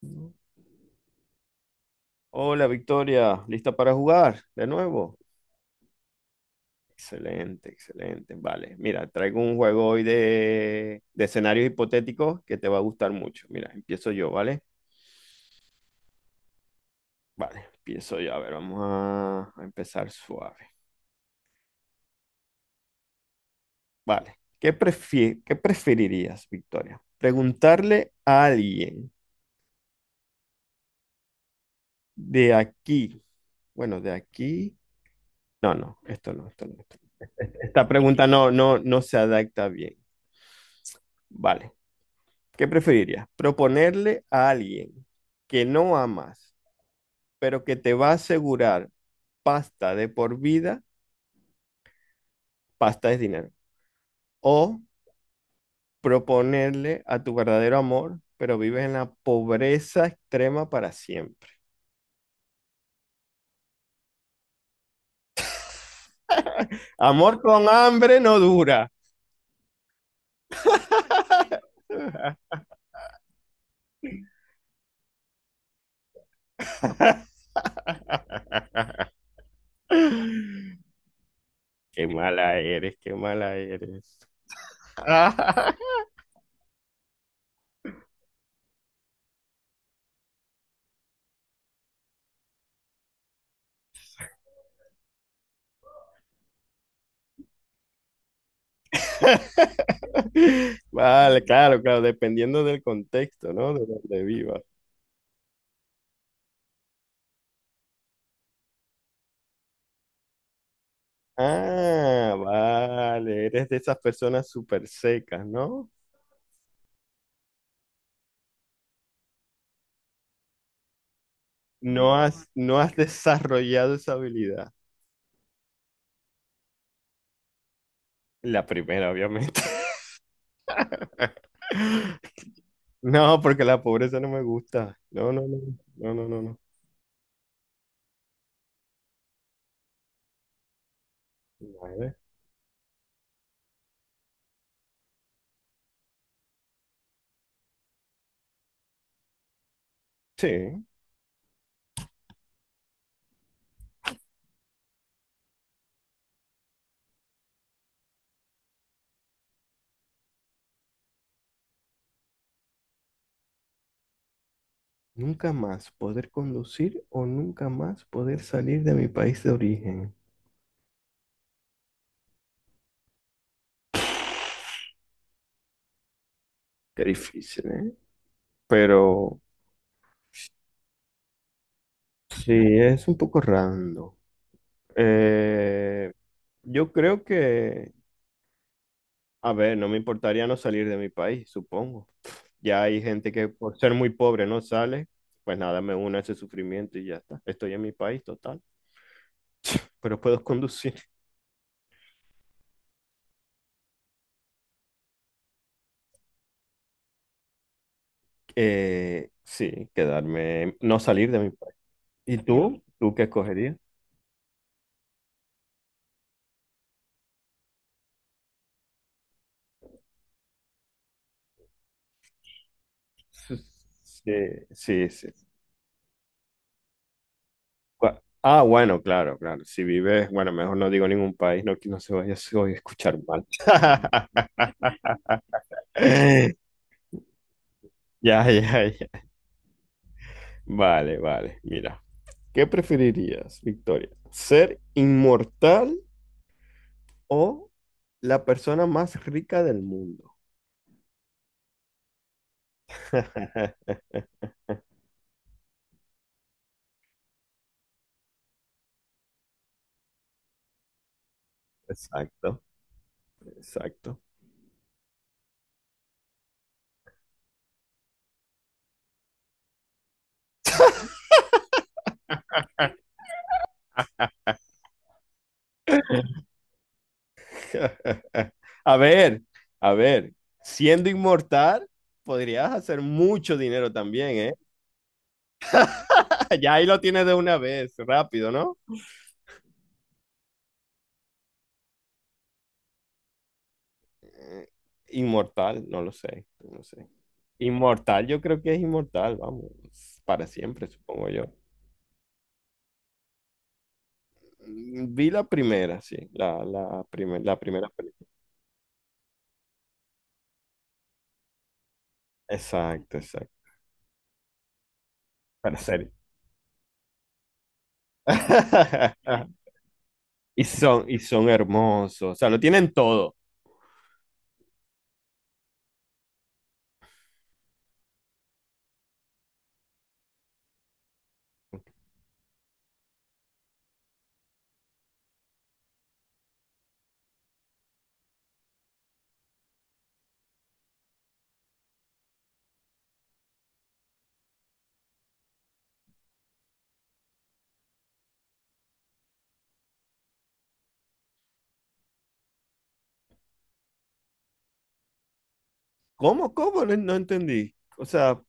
¿No? Hola Victoria, ¿lista para jugar de nuevo? Excelente, excelente. Vale, mira, traigo un juego hoy de escenarios hipotéticos que te va a gustar mucho. Mira, empiezo yo, ¿vale? Vale, empiezo yo. A ver, vamos a empezar suave. Vale, ¿qué preferirías, Victoria? ¿Preguntarle a alguien de aquí? Bueno, de aquí. No, no, esto no, esto no. Esta pregunta no, no, no se adapta bien. Vale. ¿Qué preferirías? ¿Proponerle a alguien que no amas, pero que te va a asegurar pasta de por vida? Pasta es dinero. ¿O proponerle a tu verdadero amor, pero vives en la pobreza extrema para siempre? Amor con hambre no dura. Qué mala eres, qué mala eres. Vale, claro, claro, dependiendo del contexto, ¿no? De donde vivas. Ah, vale, eres de esas personas súper secas, ¿no? No has, no has desarrollado esa habilidad. La primera, obviamente. No, porque la pobreza no me gusta. No, no, no, no, no, no, no. Vale. Sí, nunca más poder conducir o nunca más poder salir de mi país de origen. Qué difícil, ¿eh? Pero sí, es un poco rando. Eh, yo creo que, a ver, no me importaría no salir de mi país, supongo. Ya hay gente que por ser muy pobre no sale, pues nada, me uno a ese sufrimiento y ya está. Estoy en mi país, total, pero puedo conducir. Sí, quedarme, no salir de mi país. ¿Y tú? ¿Tú qué escogerías? Sí, sí, sí. Gua- Ah, bueno, claro, claro. Si vives, bueno, mejor no digo ningún país, no, que no se vaya a escuchar mal. Ya, ya, ya. Vale, vale. Mira, ¿qué preferirías, Victoria? ¿Ser inmortal o la persona más rica del mundo? Exacto, exacto. A ver, a ver, siendo inmortal, podrías hacer mucho dinero también, ¿eh? Ya ahí lo tienes de una vez, rápido, ¿no? eh, inmortal, no lo sé, no sé. Inmortal, yo creo que es inmortal, vamos, para siempre, supongo yo. Mm, vi la primera, sí, la primera película. Exacto, exacto. Para serie. Y son hermosos, o sea, lo tienen todo. ¿Cómo, cómo? No, no entendí. O sea,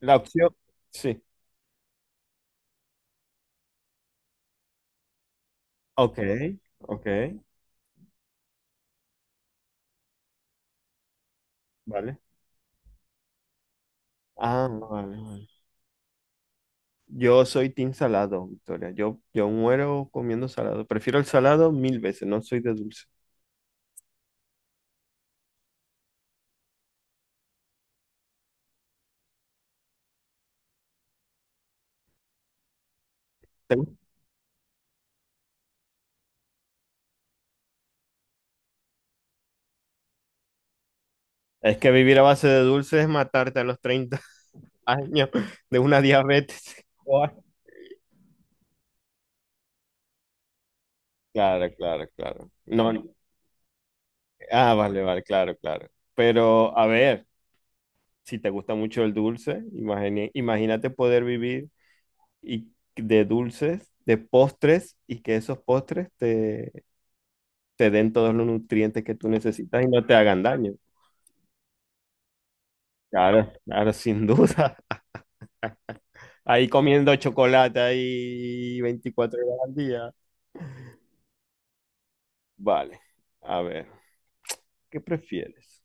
la opción, sí. Ok, ok, vale. Ah, vale, vale. Yo soy team salado, Victoria. Yo muero comiendo salado. Prefiero el salado mil veces, no soy de dulce. ¿Te- gusta? Es que vivir a base de dulce es matarte a los 30 años de una diabetes. Guau. Claro, claro, claro. No, no. Ah, vale, vale, claro, claro. Pero a ver, si te gusta mucho el dulce, imagínate poder vivir y de dulces, de postres y que esos postres te, te den todos los nutrientes que tú necesitas y no te hagan daño. Claro, claro, sin duda. Ahí comiendo chocolate ahí 24 horas al día. Vale, a ver, ¿qué prefieres?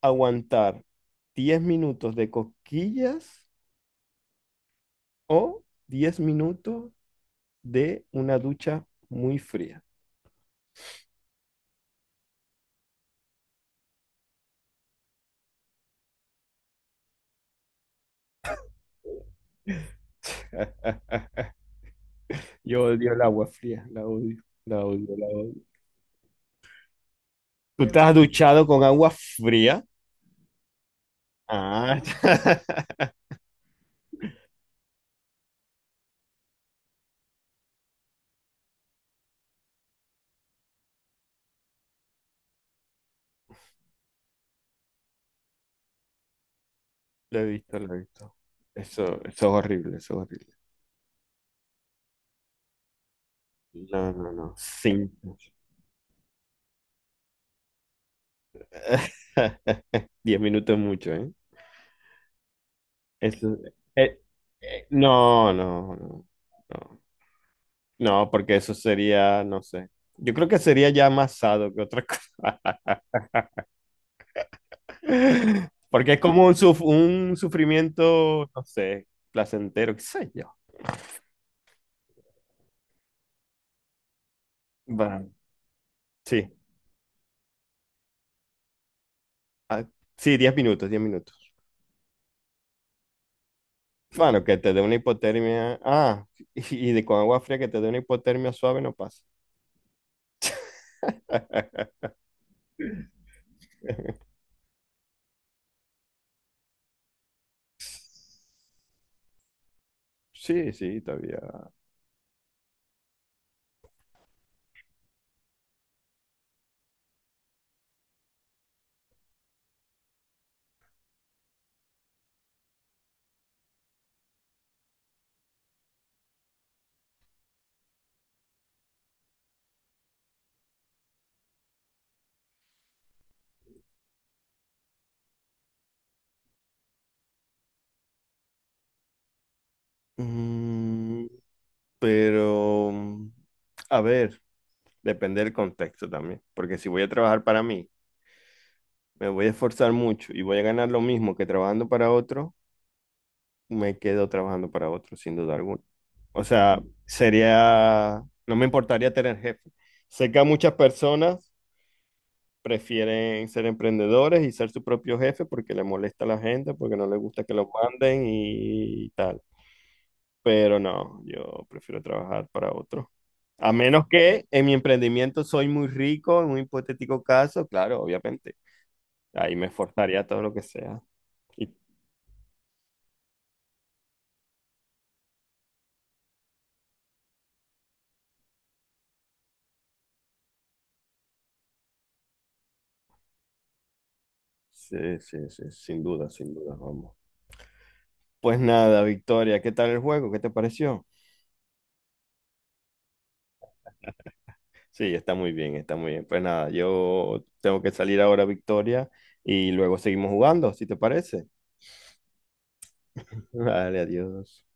¿Aguantar 10 minutos de cosquillas o 10 minutos de una ducha muy fría? Yo odio el agua fría, la odio, la odio, la odio. ¿Tú estás duchado con agua fría? Ah, lo he visto, lo he visto. Eso es horrible, eso es horrible. No, no, no, sí. 10 minutos mucho, ¿eh? Eso- eh, no, no, no, no. No, porque eso sería, no sé. Yo creo que sería ya más sado que otra cosa. Porque es como un sufrimiento, no sé, placentero, qué sé yo. Bueno, sí. Ah, sí, 10 minutos, 10 minutos. Bueno, que te dé una hipotermia. Ah, y de con agua fría que te dé una hipotermia suave no pasa. Sí, sí, todavía. Mm, pero, mm, a ver, depende del contexto también, porque si voy a trabajar para mí, me voy a esforzar mucho y voy a ganar lo mismo que trabajando para otro, me quedo trabajando para otro, sin duda alguna. O sea, sería, no me importaría tener jefe. Sé que a muchas personas prefieren ser emprendedores y ser su propio jefe porque le molesta a la gente, porque no les gusta que los manden y tal. Pero no, yo prefiero trabajar para otro. A menos que en mi emprendimiento soy muy rico, en un hipotético caso, claro, obviamente. Ahí me esforzaría todo lo que sea. Y- sí, sí, sí, sin duda, sin duda, vamos. Pues nada, Victoria, ¿qué tal el juego? ¿Qué te pareció? Sí, está muy bien, está muy bien. Pues nada, yo tengo que salir ahora, Victoria, y luego seguimos jugando, si te parece. Vale, adiós.